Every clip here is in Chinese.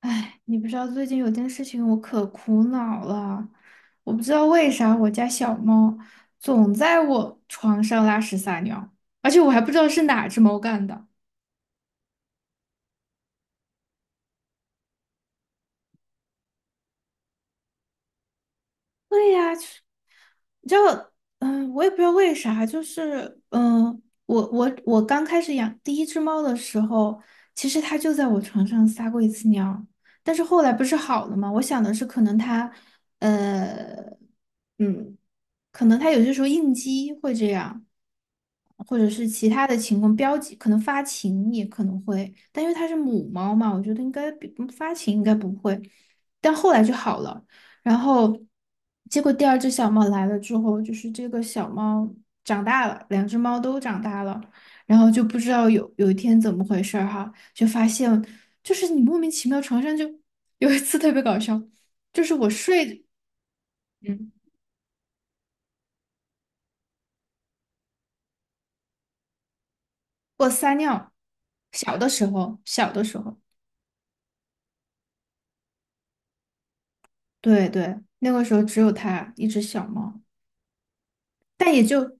哎，你不知道最近有件事情我可苦恼了，我不知道为啥我家小猫总在我床上拉屎撒尿，而且我还不知道是哪只猫干的。对呀，就我也不知道为啥，就是我刚开始养第一只猫的时候，其实它就在我床上撒过一次尿，但是后来不是好了吗？我想的是呃嗯，可能它有些时候应激会这样，或者是其他的情况，标记可能发情也可能会，但因为它是母猫嘛，我觉得应该比发情应该不会，但后来就好了。然后结果第二只小猫来了之后，就是这个小猫长大了，两只猫都长大了，然后就不知道有一天怎么回事儿哈，就发现就是你莫名其妙床上就有一次特别搞笑，就是我睡，嗯，我撒尿，小的时候，小的时候，对对，那个时候只有它一只小猫，但也就。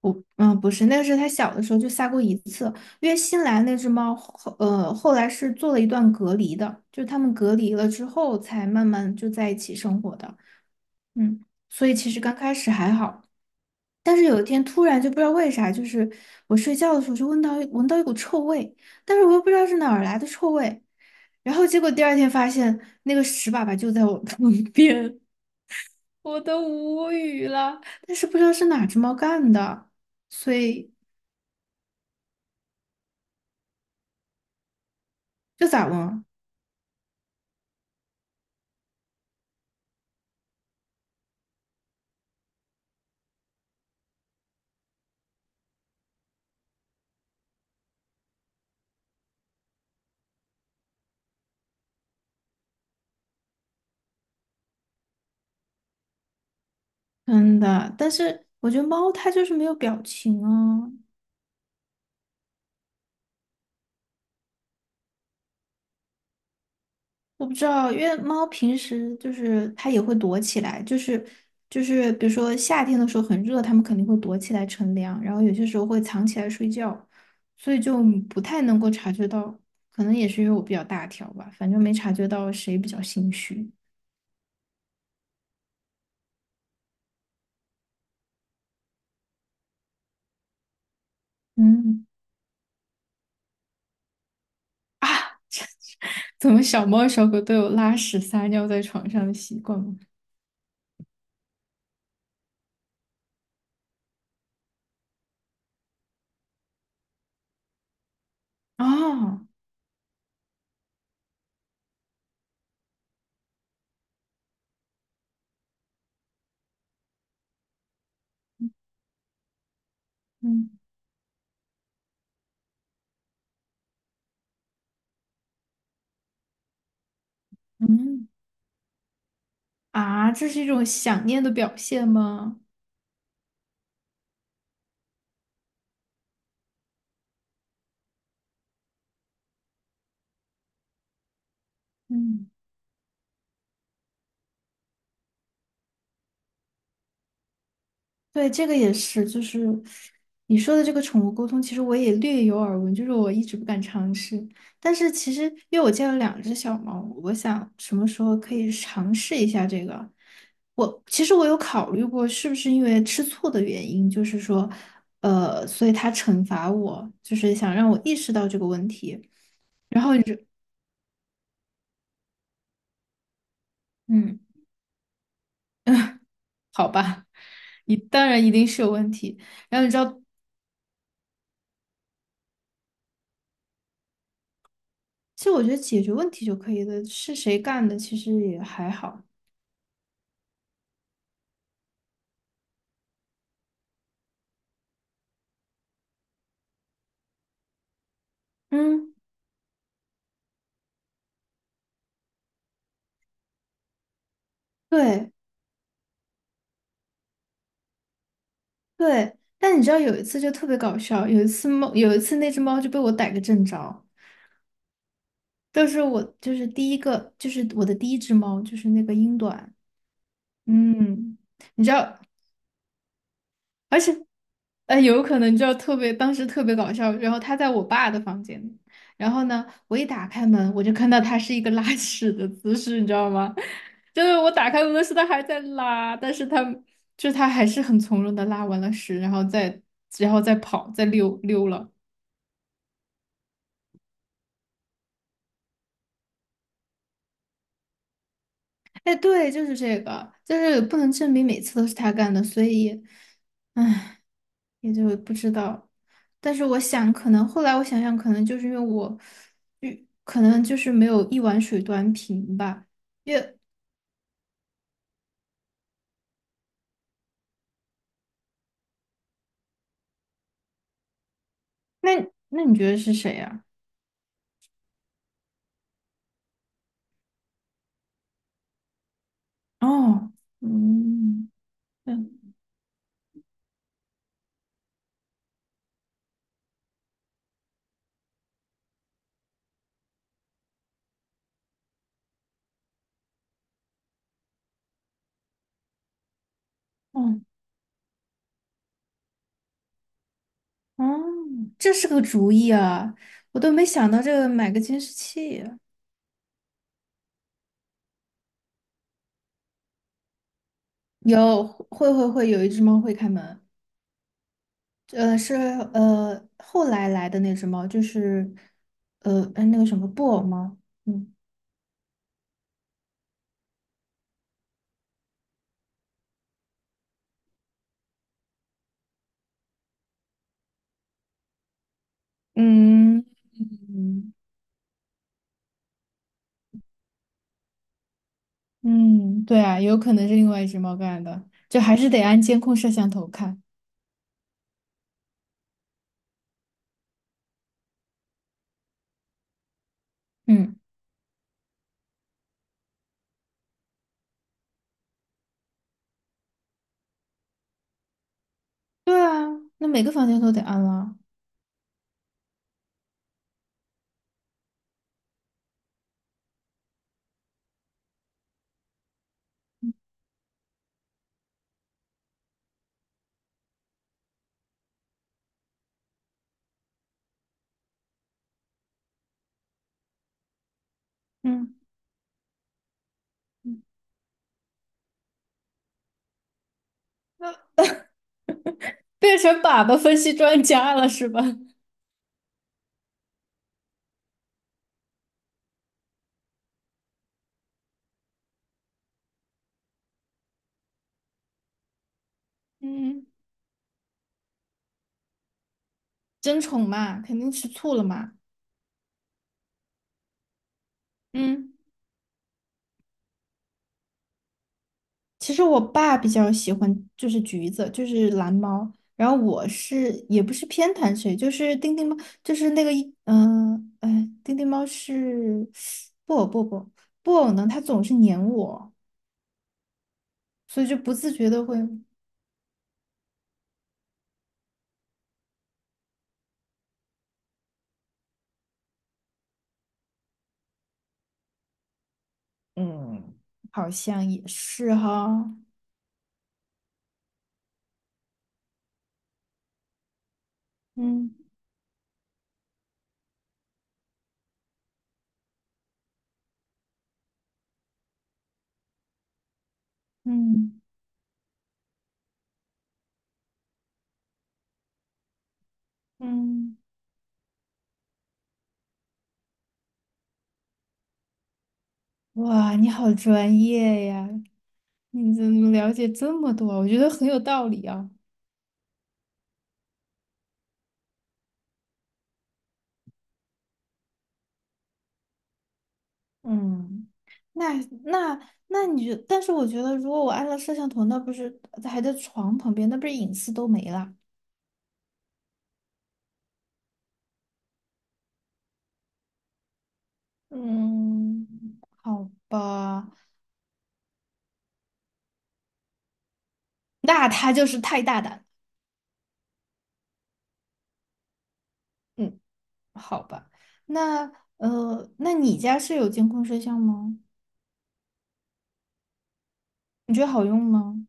不，不是，那个是它小的时候就撒过一次，因为新来那只猫后，后来是做了一段隔离的，就是它们隔离了之后才慢慢就在一起生活的，嗯，所以其实刚开始还好，但是有一天突然就不知道为啥，就是我睡觉的时候就闻到一股臭味，但是我又不知道是哪儿来的臭味，然后结果第二天发现那个屎粑粑就在我 旁边，我都无语了，但是不知道是哪只猫干的，所以这咋闻啊真的，但是我觉得猫它就是没有表情啊。我不知道，因为猫平时就是它也会躲起来，就是比如说夏天的时候很热，它们肯定会躲起来乘凉，然后有些时候会藏起来睡觉，所以就不太能够察觉到，可能也是因为我比较大条吧，反正没察觉到谁比较心虚。嗯，啊，怎么小猫小狗都有拉屎撒尿在床上的习惯吗？哦，嗯嗯。啊，这是一种想念的表现吗？嗯，对，这个也是，就是你说的这个宠物沟通，其实我也略有耳闻，就是我一直不敢尝试。但是其实，因为我家有两只小猫，我想什么时候可以尝试一下这个。我其实我有考虑过，是不是因为吃醋的原因，就是说，所以它惩罚我，就是想让我意识到这个问题。然后你就。嗯。好吧，当然一定是有问题。然后你知道，其实我觉得解决问题就可以了，是谁干的其实也还好。嗯，对对，但你知道有一次就特别搞笑，有一次那只猫就被我逮个正着，就是我就是第一个，就是我的第一只猫，就是那个英短，嗯，你知道，而且有可能就特别，当时特别搞笑。然后他在我爸的房间，然后呢，我一打开门，我就看到他是一个拉屎的姿势，你知道吗？就是我打开门的时候，他还在拉，但是他就是他还是很从容的拉完了屎，然后再跑，再溜了。哎，对，就是这个，就是不能证明每次都是他干的，所以，唉，也就不知道。但是我想，可能后来我想想，可能就是因为我，可能就是没有一碗水端平吧。因为那那你觉得是谁呀？哦，嗯，嗯，哦，哦，这是个主意啊！我都没想到这个买个监视器啊。有，会会会，有一只猫会开门。是后来来的那只猫，就是那个什么布偶猫。嗯嗯嗯嗯，对啊，有可能是另外一只猫干的，就还是得安监控摄像头看。嗯，对啊，那每个房间都得安了。嗯，嗯那变成粑粑分析专家了是吧？嗯 争宠嘛，肯定吃醋了嘛。嗯。其实我爸比较喜欢就是橘子，就是蓝猫，然后我是也不是偏袒谁，就是丁丁猫，就是那个一嗯哎，丁丁猫是布偶布偶布偶布偶呢，它总是粘我，所以就不自觉的会嗯，好像也是哈，嗯嗯嗯，哇，你好专业呀，你怎么了解这么多啊，我觉得很有道理啊。嗯，那那但是我觉得，如果我安了摄像头，那不是还在床旁边，那不是隐私都没了？嗯，好吧，那他就是太大胆了嗯，好吧，那那你家是有监控摄像吗？你觉得好用吗？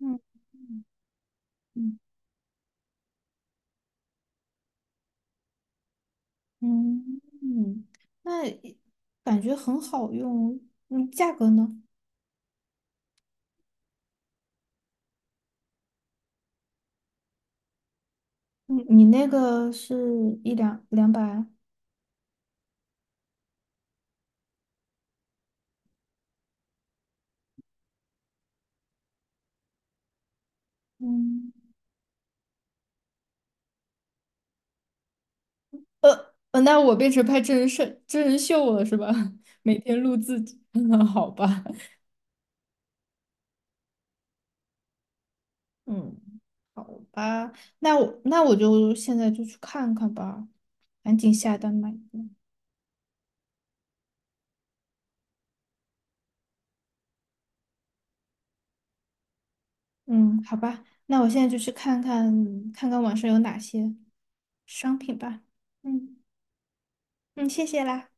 嗯嗯嗯嗯，那感觉很好用。嗯，价格呢？你那个是一两百？嗯。那我变成拍真人秀了是吧？每天录自己。好吧，嗯，好吧，那我就现在就去看看吧，赶紧下单买一个。嗯，好吧，那我现在就去看看网上有哪些商品吧。嗯嗯，谢谢啦。